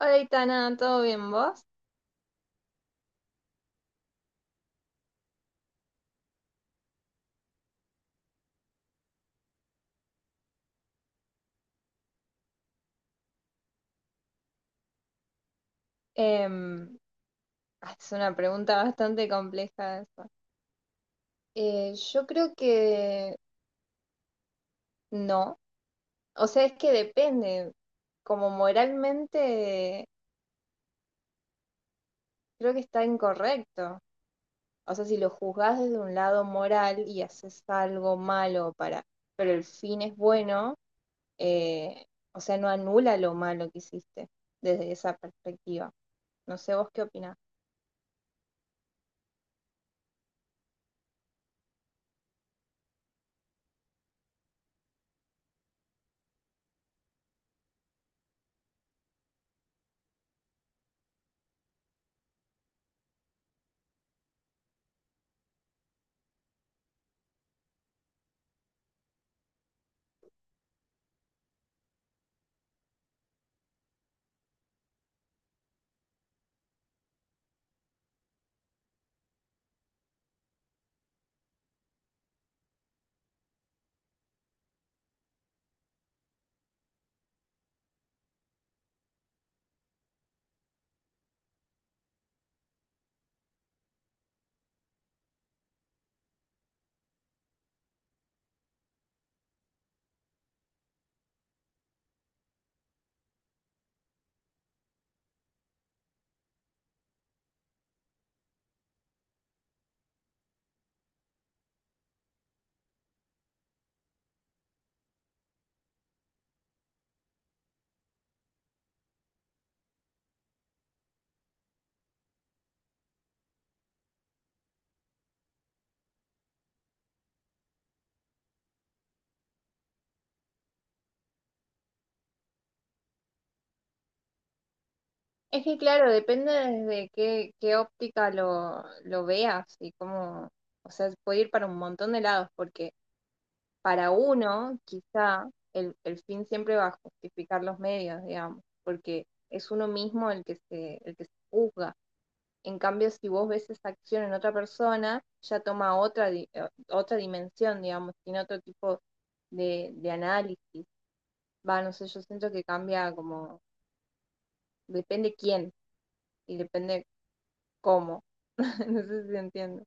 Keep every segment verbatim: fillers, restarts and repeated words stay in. Hola, Itana, ¿todo bien vos? Em, ah, es una pregunta bastante compleja esa. Eh, yo creo que no. O sea, es que depende. Como moralmente, creo que está incorrecto. O sea, si lo juzgás desde un lado moral y haces algo malo para, pero el fin es bueno, eh, o sea, no anula lo malo que hiciste desde esa perspectiva. No sé, ¿vos qué opinás? Es que claro, depende desde qué, qué óptica lo, lo veas y cómo, o sea, puede ir para un montón de lados, porque para uno quizá el, el fin siempre va a justificar los medios, digamos, porque es uno mismo el que se, el que se juzga. En cambio, si vos ves esa acción en otra persona, ya toma otra, di- eh, otra dimensión, digamos, tiene otro tipo de, de análisis. Va, no sé, yo siento que cambia como, depende quién y depende. ¿Cómo? No sé si entiendo.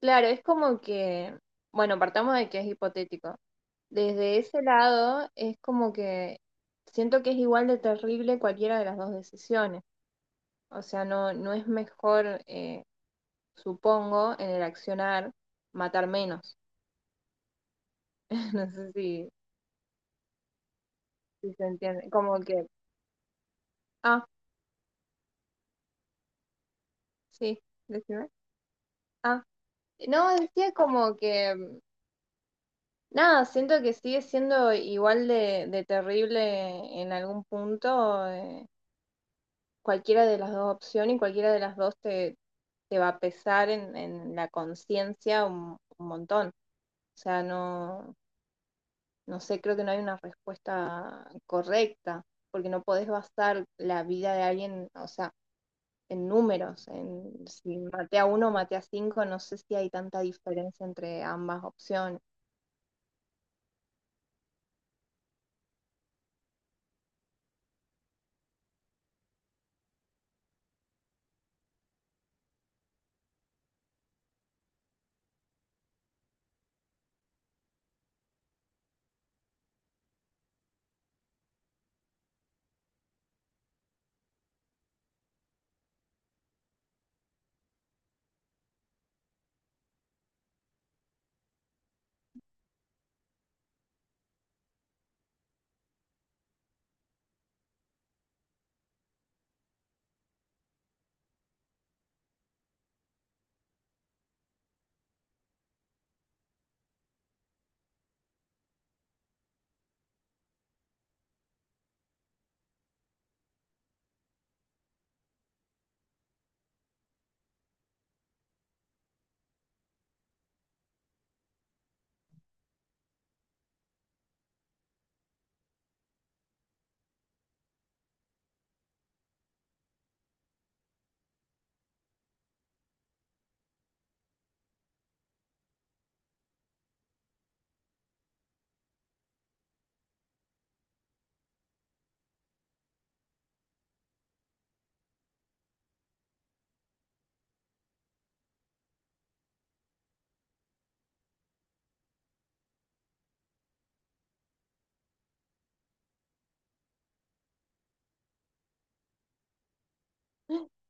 Claro, es como que, bueno, partamos de que es hipotético. Desde ese lado, es como que siento que es igual de terrible cualquiera de las dos decisiones. O sea, no, no es mejor, eh, supongo, en el accionar matar menos. No sé si, si se entiende. Como que, ah, sí, decime. Ah, no, decía como que. Nada, siento que sigue siendo igual de, de terrible en algún punto. eh, cualquiera de las dos opciones y cualquiera de las dos te, te va a pesar en, en la conciencia un, un montón. O sea, no, no sé, creo que no hay una respuesta correcta, porque no podés basar la vida de alguien, o sea, en números. En, si maté a uno, o maté a cinco, no sé si hay tanta diferencia entre ambas opciones.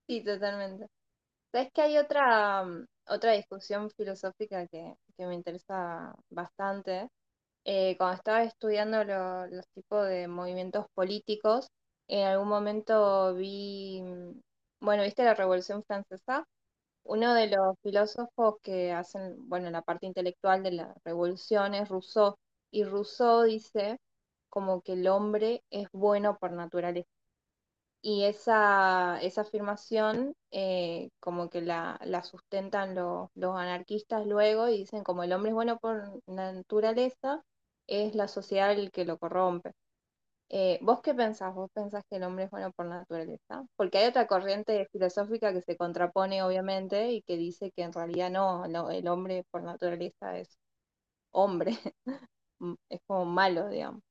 Sí, totalmente. Sabes que hay otra, mm, otra discusión filosófica que, que me interesa bastante. Eh, cuando estaba estudiando lo- los tipos de movimientos políticos, en algún momento vi, mm, bueno, ¿viste la Revolución Francesa? Uno de los filósofos que hacen, bueno, la parte intelectual de la revolución es Rousseau, y Rousseau dice como que el hombre es bueno por naturaleza. Y esa, esa afirmación eh, como que la, la sustentan los los anarquistas luego y dicen como el hombre es bueno por naturaleza, es la sociedad el que lo corrompe. Eh, ¿vos qué pensás? ¿Vos pensás que el hombre es bueno por naturaleza? Porque hay otra corriente filosófica que se contrapone obviamente y que dice que en realidad no, no, el hombre por naturaleza es hombre, es como malo, digamos.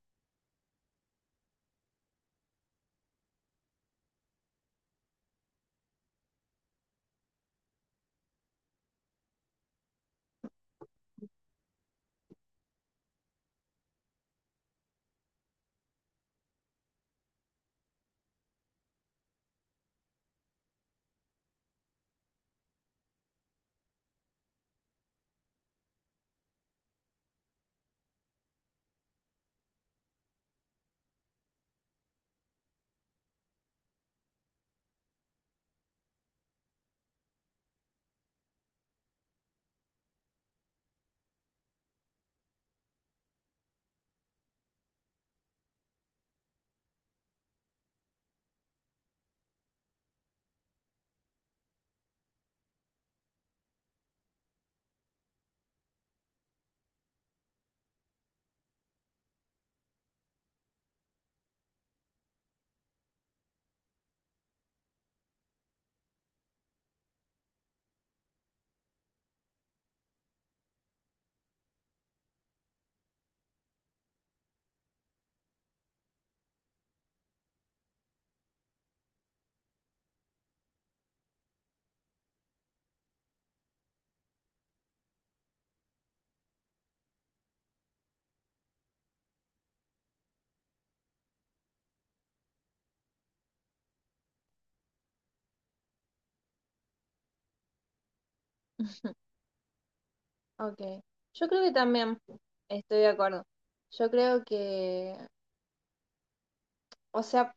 Ok, yo creo que también estoy de acuerdo. Yo creo que, o sea,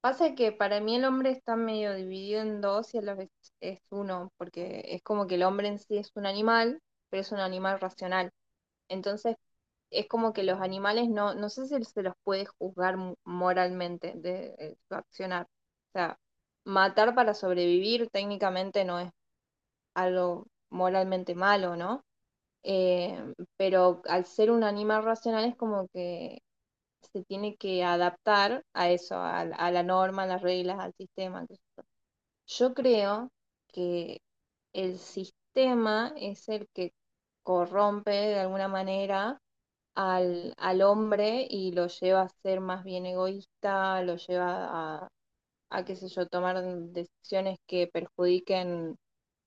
pasa que para mí el hombre está medio dividido en dos y a la vez es uno, porque es como que el hombre en sí es un animal, pero es un animal racional. Entonces, es como que los animales no, no sé si se los puede juzgar mo- moralmente de, eh, su accionar. O sea, matar para sobrevivir técnicamente no es algo moralmente malo, ¿no? Eh, pero al ser un animal racional es como que se tiene que adaptar a eso, a, a la norma, a las reglas, al sistema. Yo creo que el sistema es el que corrompe de alguna manera al, al hombre y lo lleva a ser más bien egoísta, lo lleva a, a qué sé yo, tomar decisiones que perjudiquen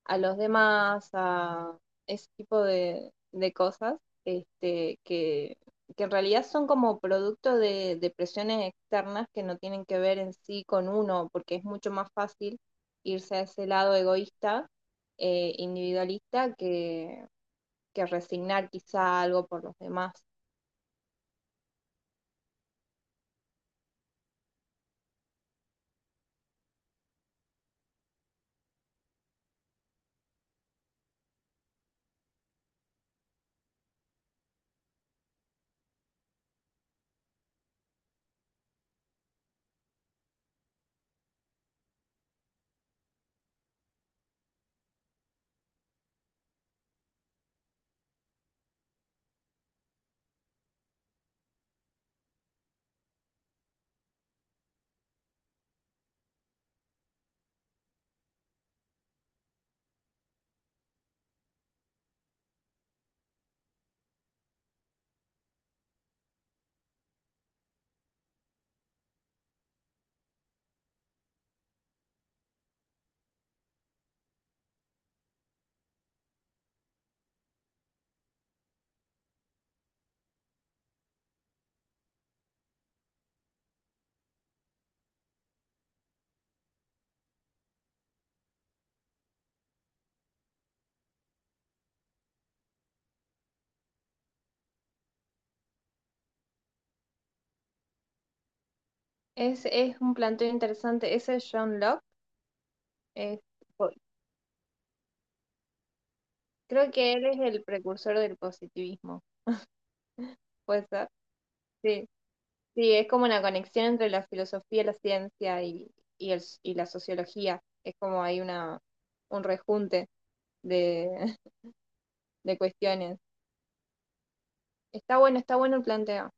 a los demás, a ese tipo de, de cosas, este, que, que en realidad son como producto de, de presiones externas que no tienen que ver en sí con uno, porque es mucho más fácil irse a ese lado egoísta, eh, individualista, que, que resignar quizá algo por los demás. Es, es un planteo interesante. Ese John Locke, es, po- creo que él es el precursor del positivismo. ¿Puede ser? Sí. Sí, es como una conexión entre la filosofía, la ciencia y, y, el- s- y la sociología. Es como hay una, un rejunte de, de cuestiones. Está bueno, está bueno el planteo.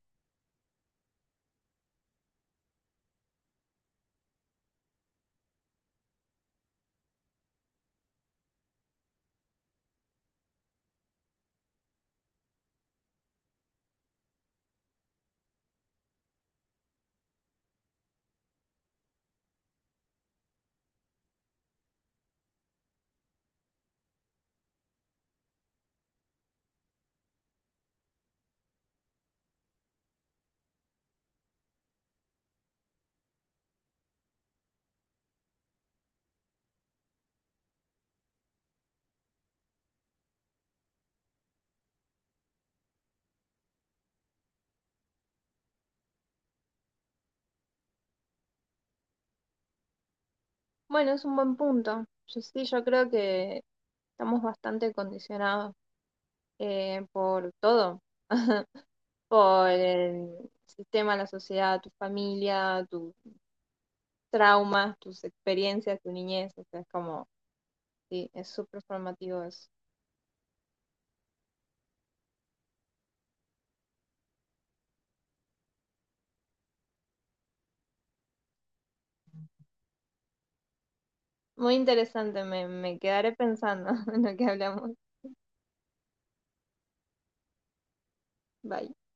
Bueno, es un buen punto. Yo sí, yo creo que estamos bastante condicionados eh, por todo, por el sistema, la sociedad, tu familia, tus traumas, tus experiencias, tu niñez. O sea, es como, sí, es súper formativo eso. Muy interesante, me, me quedaré pensando en lo que hablamos. Bye.